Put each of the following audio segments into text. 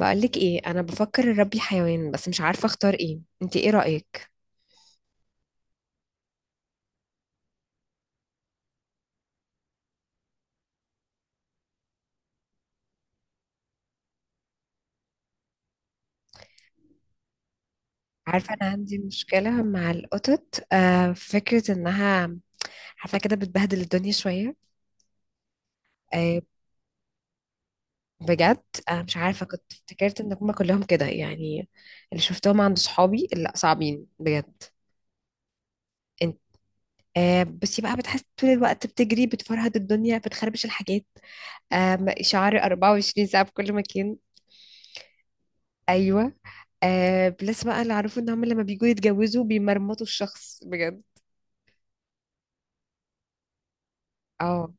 بقولك ايه، انا بفكر اربي حيوان بس مش عارفه اختار ايه. انت ايه رايك؟ عارفه انا عندي مشكله مع القطط، فكره انها عارفه كده بتبهدل الدنيا شويه. آه. بجد. آه، مش عارفه كنت افتكرت ان هما كلهم كده يعني. اللي شفتهم عند صحابي لا صعبين بجد. انت. آه، بس بقى بتحس طول الوقت بتجري بتفرهد الدنيا بتخربش الحاجات. آه، شعر 24 ساعه في كل مكان. ايوه. آه، بلس بقى اللي اعرفه ان هم لما بيجوا يتجوزوا بيمرمطوا الشخص بجد. اه.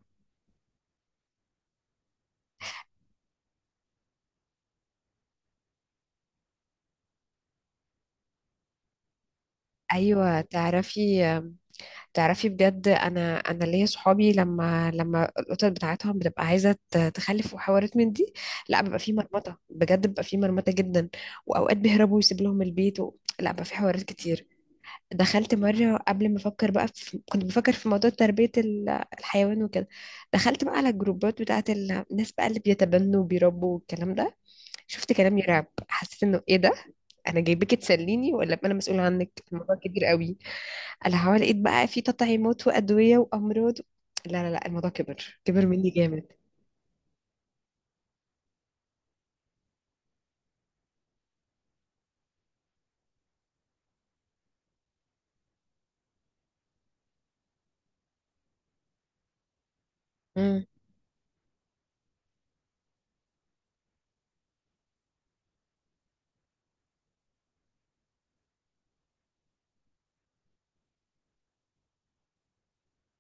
ايوه، تعرفي. تعرفي بجد، انا ليا صحابي لما القطط بتاعتهم بتبقى عايزه تخلف وحوارات من دي. لا، بيبقى في مرمطه بجد، بيبقى في مرمطه جدا. واوقات بيهربوا ويسيب لهم البيت لا، بقى في حوارات كتير. دخلت مرة قبل ما أفكر بقى، كنت بفكر في موضوع تربية الحيوان وكده. دخلت بقى على الجروبات بتاعة الناس بقى اللي بيتبنوا وبيربوا والكلام ده. شفت كلام يرعب، حسيت انه ايه ده. انا جايبك تسليني ولا أبقى انا مسؤول عنك؟ الموضوع كبير قوي. انا حوالي لقيت بقى في تطعيمات وادويه وامراض. لا لا لا، الموضوع كبر كبر مني جامد. امم.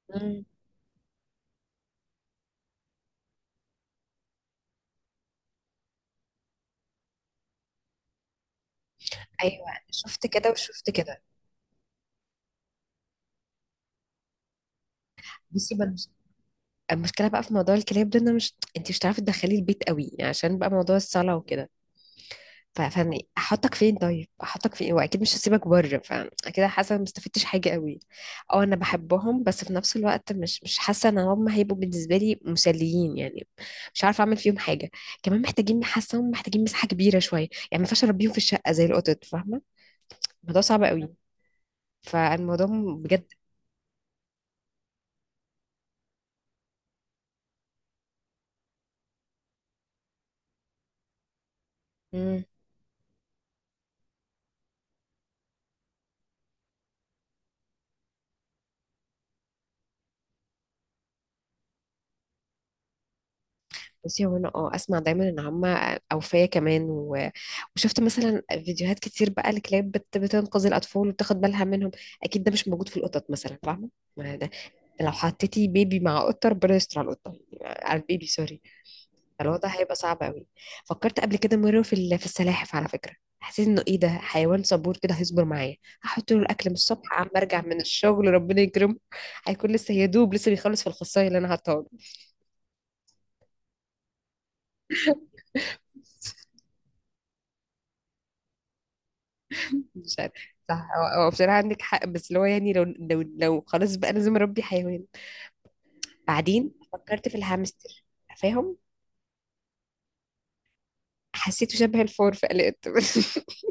امم. ايوه، أنا شفت كده وشفت كده. بصي بقى، المشكله بقى في موضوع الكلاب ده، ان انا مش انت مش هتعرفي تدخلي البيت قوي عشان بقى موضوع الصلاه وكده. فانا احطك فين؟ طيب احطك فين؟ واكيد مش هسيبك بره، فكده حاسه ما استفدتش حاجه قوي. اه، انا بحبهم بس في نفس الوقت مش حاسه ان هم هيبقوا بالنسبه لي مسليين يعني. مش عارفه اعمل فيهم حاجه. كمان محتاجين، حاسه هم محتاجين مساحه كبيره شويه، يعني ما ينفعش اربيهم في الشقه زي القطط، فاهمه؟ الموضوع صعب قوي. فالموضوع. بجد. بصي هو انا اسمع دايما ان هما اوفياء كمان وشفت مثلا فيديوهات كتير بقى لكلاب بتنقذ الاطفال وبتاخد بالها منهم. اكيد ده مش موجود في القطط مثلا، فاهمه؟ ما ده. لو حطيتي بيبي مع قطه، ربنا يستر على القطه، يعني على البيبي، سوري. الوضع هيبقى صعب قوي. فكرت قبل كده مره في السلاحف على فكره. حسيت انه ايه ده، حيوان صبور كده هيصبر معايا، هحط له الاكل من الصبح عم ارجع من الشغل ربنا يكرمه. هيكون لسه يدوب لسه بيخلص في الخصايه اللي انا حاطاها له. مش عارف. صح، هو بصراحة عندك حق، بس اللي هو يعني لو لو خلاص بقى لازم أربي حيوان. بعدين فكرت في الهامستر. فاهم. حسيته شبه الفور فقلقت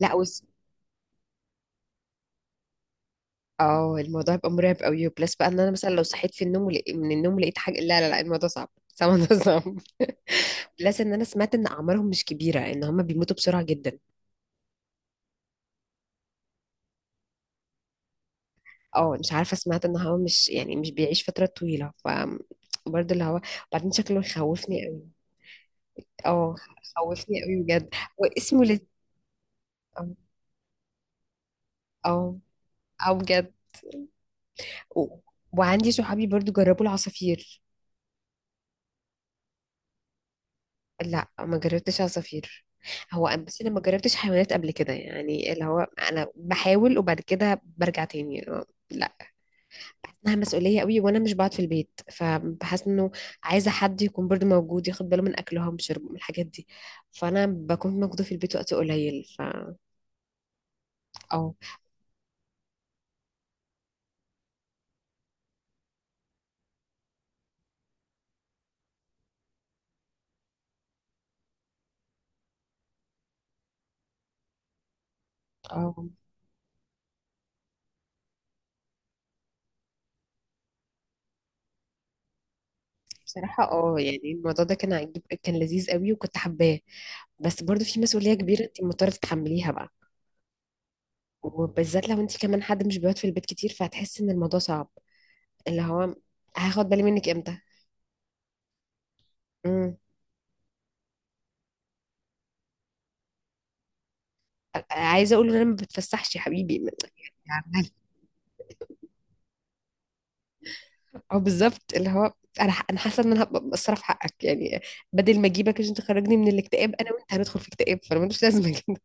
لا بص. اه، الموضوع هيبقى مرعب قوي، بلس بقى ان انا مثلا لو صحيت في النوم من النوم لقيت حاجه، لا لا لا، الموضوع صعب صعب، الموضوع صعب. بلس ان انا سمعت ان اعمارهم مش كبيره، ان هم بيموتوا بسرعه جدا. اه، مش عارفه سمعت ان هو مش، يعني مش بيعيش فتره طويله، ف. برضه اللي هو. بعدين شكله يخوفني قوي. اه. خوفني قوي بجد. واسمه. او. او. او بجد. و- وعندي صحابي برضو جربوا العصافير. لا، ما جربتش عصافير. هو بس انا ما جربتش حيوانات قبل كده يعني، اللي هو انا بحاول وبعد كده برجع تاني لا. انها مسؤوليه قوي وانا مش بقعد في البيت، فبحس انه عايزه حد يكون برضو موجود، ياخد باله من اكلهم شربهم الحاجات دي. فانا بكون موجوده في البيت وقت قليل، ف. او. اه. بصراحة يعني الموضوع ده كان عجيب، كان لذيذ قوي وكنت حباه. بس برضو في مسؤولية كبيرة انت مضطرة تتحمليها بقى. وبالذات لو انت كمان حد مش بيقعد في البيت كتير، فهتحسي ان الموضوع صعب. اللي هو، هاخد بالي منك امتى؟ امم. عايزة اقول له، انا ما بتفسحش يا حبيبي. يعني. اه بالظبط، اللي هو انا حاسة ان انا هبقى مقصرة في حقك يعني. بدل ما اجيبك عشان تخرجني من الاكتئاب، انا وانت هندخل في اكتئاب، فانا ملوش لازمة كده.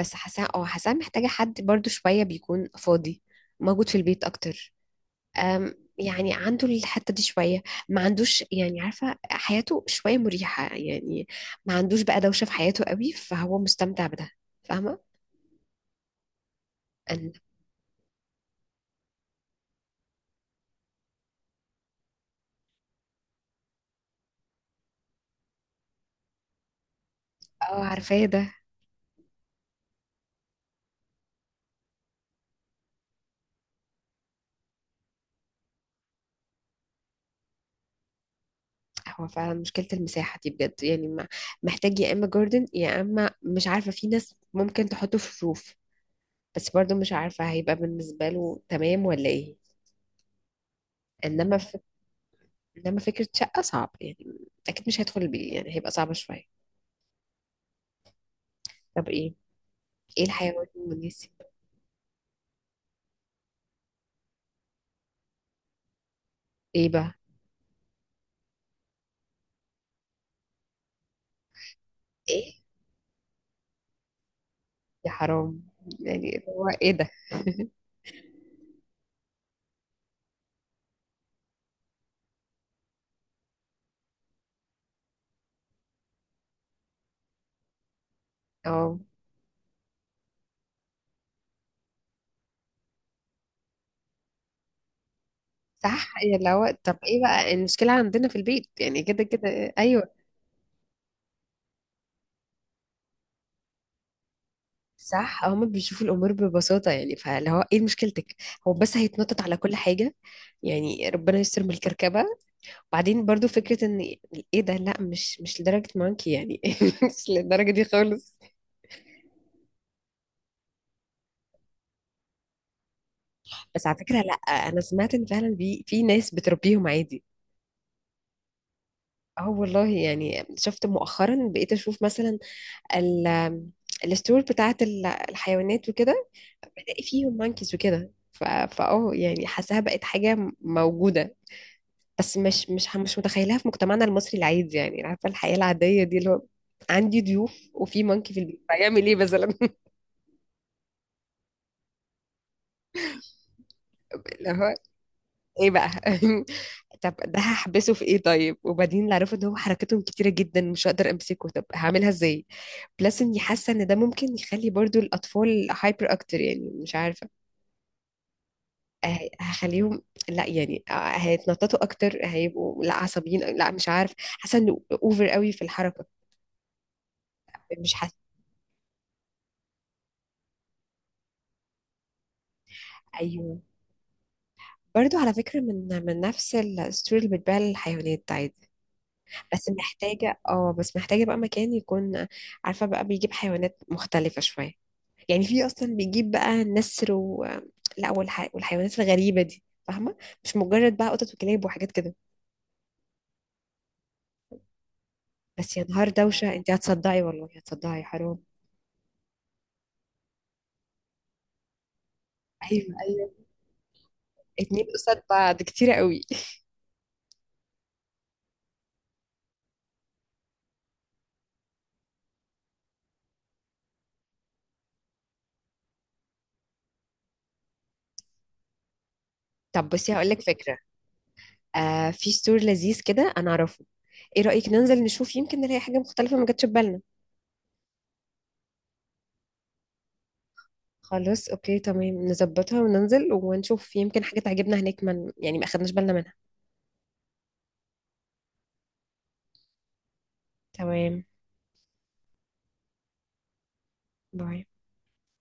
بس حاسة، حاسة محتاجة حد برضو شوية بيكون فاضي، موجود في البيت اكتر. يعني عنده الحتة دي شوية، ما عندوش، يعني عارفة حياته شوية مريحة يعني، ما عندوش بقى دوشة في حياته قوي، فهو مستمتع بده، فاهمة؟ أنا. اه. عارفاه ده. هو فعلا مشكلة المساحة دي بجد، يعني محتاج يا إما جاردن يا إما مش عارفة، في ناس ممكن تحطه في روف. بس برضه مش عارفة هيبقى بالنسبة له تمام ولا إيه. إنما ف... إنما فكرة شقة صعب يعني. أكيد مش هيدخل البيت يعني، هيبقى صعبة شوية. طب إيه؟ إيه الحيوان المناسب؟ إيه بقى؟ ايه. يا حرام. يعني اللي هو، ايه ده. اه صح. يا اللي هو، طب ايه بقى المشكلة عندنا في البيت يعني، كده كده ايوه. صح، هما بيشوفوا الامور ببساطة، يعني فاللي هو ايه مشكلتك. هو بس هيتنطط على كل حاجة، يعني ربنا يستر من الكركبة. وبعدين برضو فكرة ان ايه ده، لا مش لدرجة مانكي يعني مش للدرجة دي خالص. بس على فكرة، لا، انا سمعت ان فعلا في ناس بتربيهم عادي. اه والله، يعني شفت مؤخرا بقيت اشوف مثلا، ال، الستور بتاعت الحيوانات وكده. بلاقي فيهم مانكيز وكده، فاه يعني، حاساها بقت حاجة موجودة. بس مش متخيلها في مجتمعنا المصري العادي، يعني عارفة الحياة العادية دي، اللي هو عندي ضيوف وفي مانكي في البيت هيعمل ايه مثلا اللي هو ايه بقى طب ده هحبسه في ايه طيب؟ وبعدين اللي عرفوا ان هو حركتهم كتيرة جدا مش هقدر امسكه، طب هعملها ازاي؟ بلس اني حاسة ان ده ممكن يخلي برضو الاطفال هايبر اكتر يعني، مش عارفة. هخليهم، لا يعني، هيتنططوا اكتر، هيبقوا لا عصبيين، لا مش عارف، حاسه انه اوفر قوي في الحركه. مش حاسه. ايوه برضو على فكره، من نفس الستوري اللي بتبيع للحيوانات عادي. بس محتاجه اه بس محتاجه بقى مكان يكون. عارفه بقى بيجيب حيوانات مختلفه شويه، يعني في اصلا بيجيب بقى نسر و. لا والحيوانات الغريبه دي، فاهمه، مش مجرد بقى قطط وكلاب وحاجات كده. بس يا نهار دوشه، انت هتصدعي والله، هتصدعي حرام. ايوه، ايوه. اتنين قصاد بعض كتير قوي. طب بصي هقول لك فكرة. آه، في ستور لذيذ كده انا اعرفه، ايه رأيك ننزل نشوف، يمكن نلاقي حاجة مختلفة ما جاتش في بالنا. خلاص، اوكي تمام، نظبطها وننزل ونشوف، يمكن حاجة تعجبنا هناك من، يعني ما اخدناش بالنا منها. تمام. باي.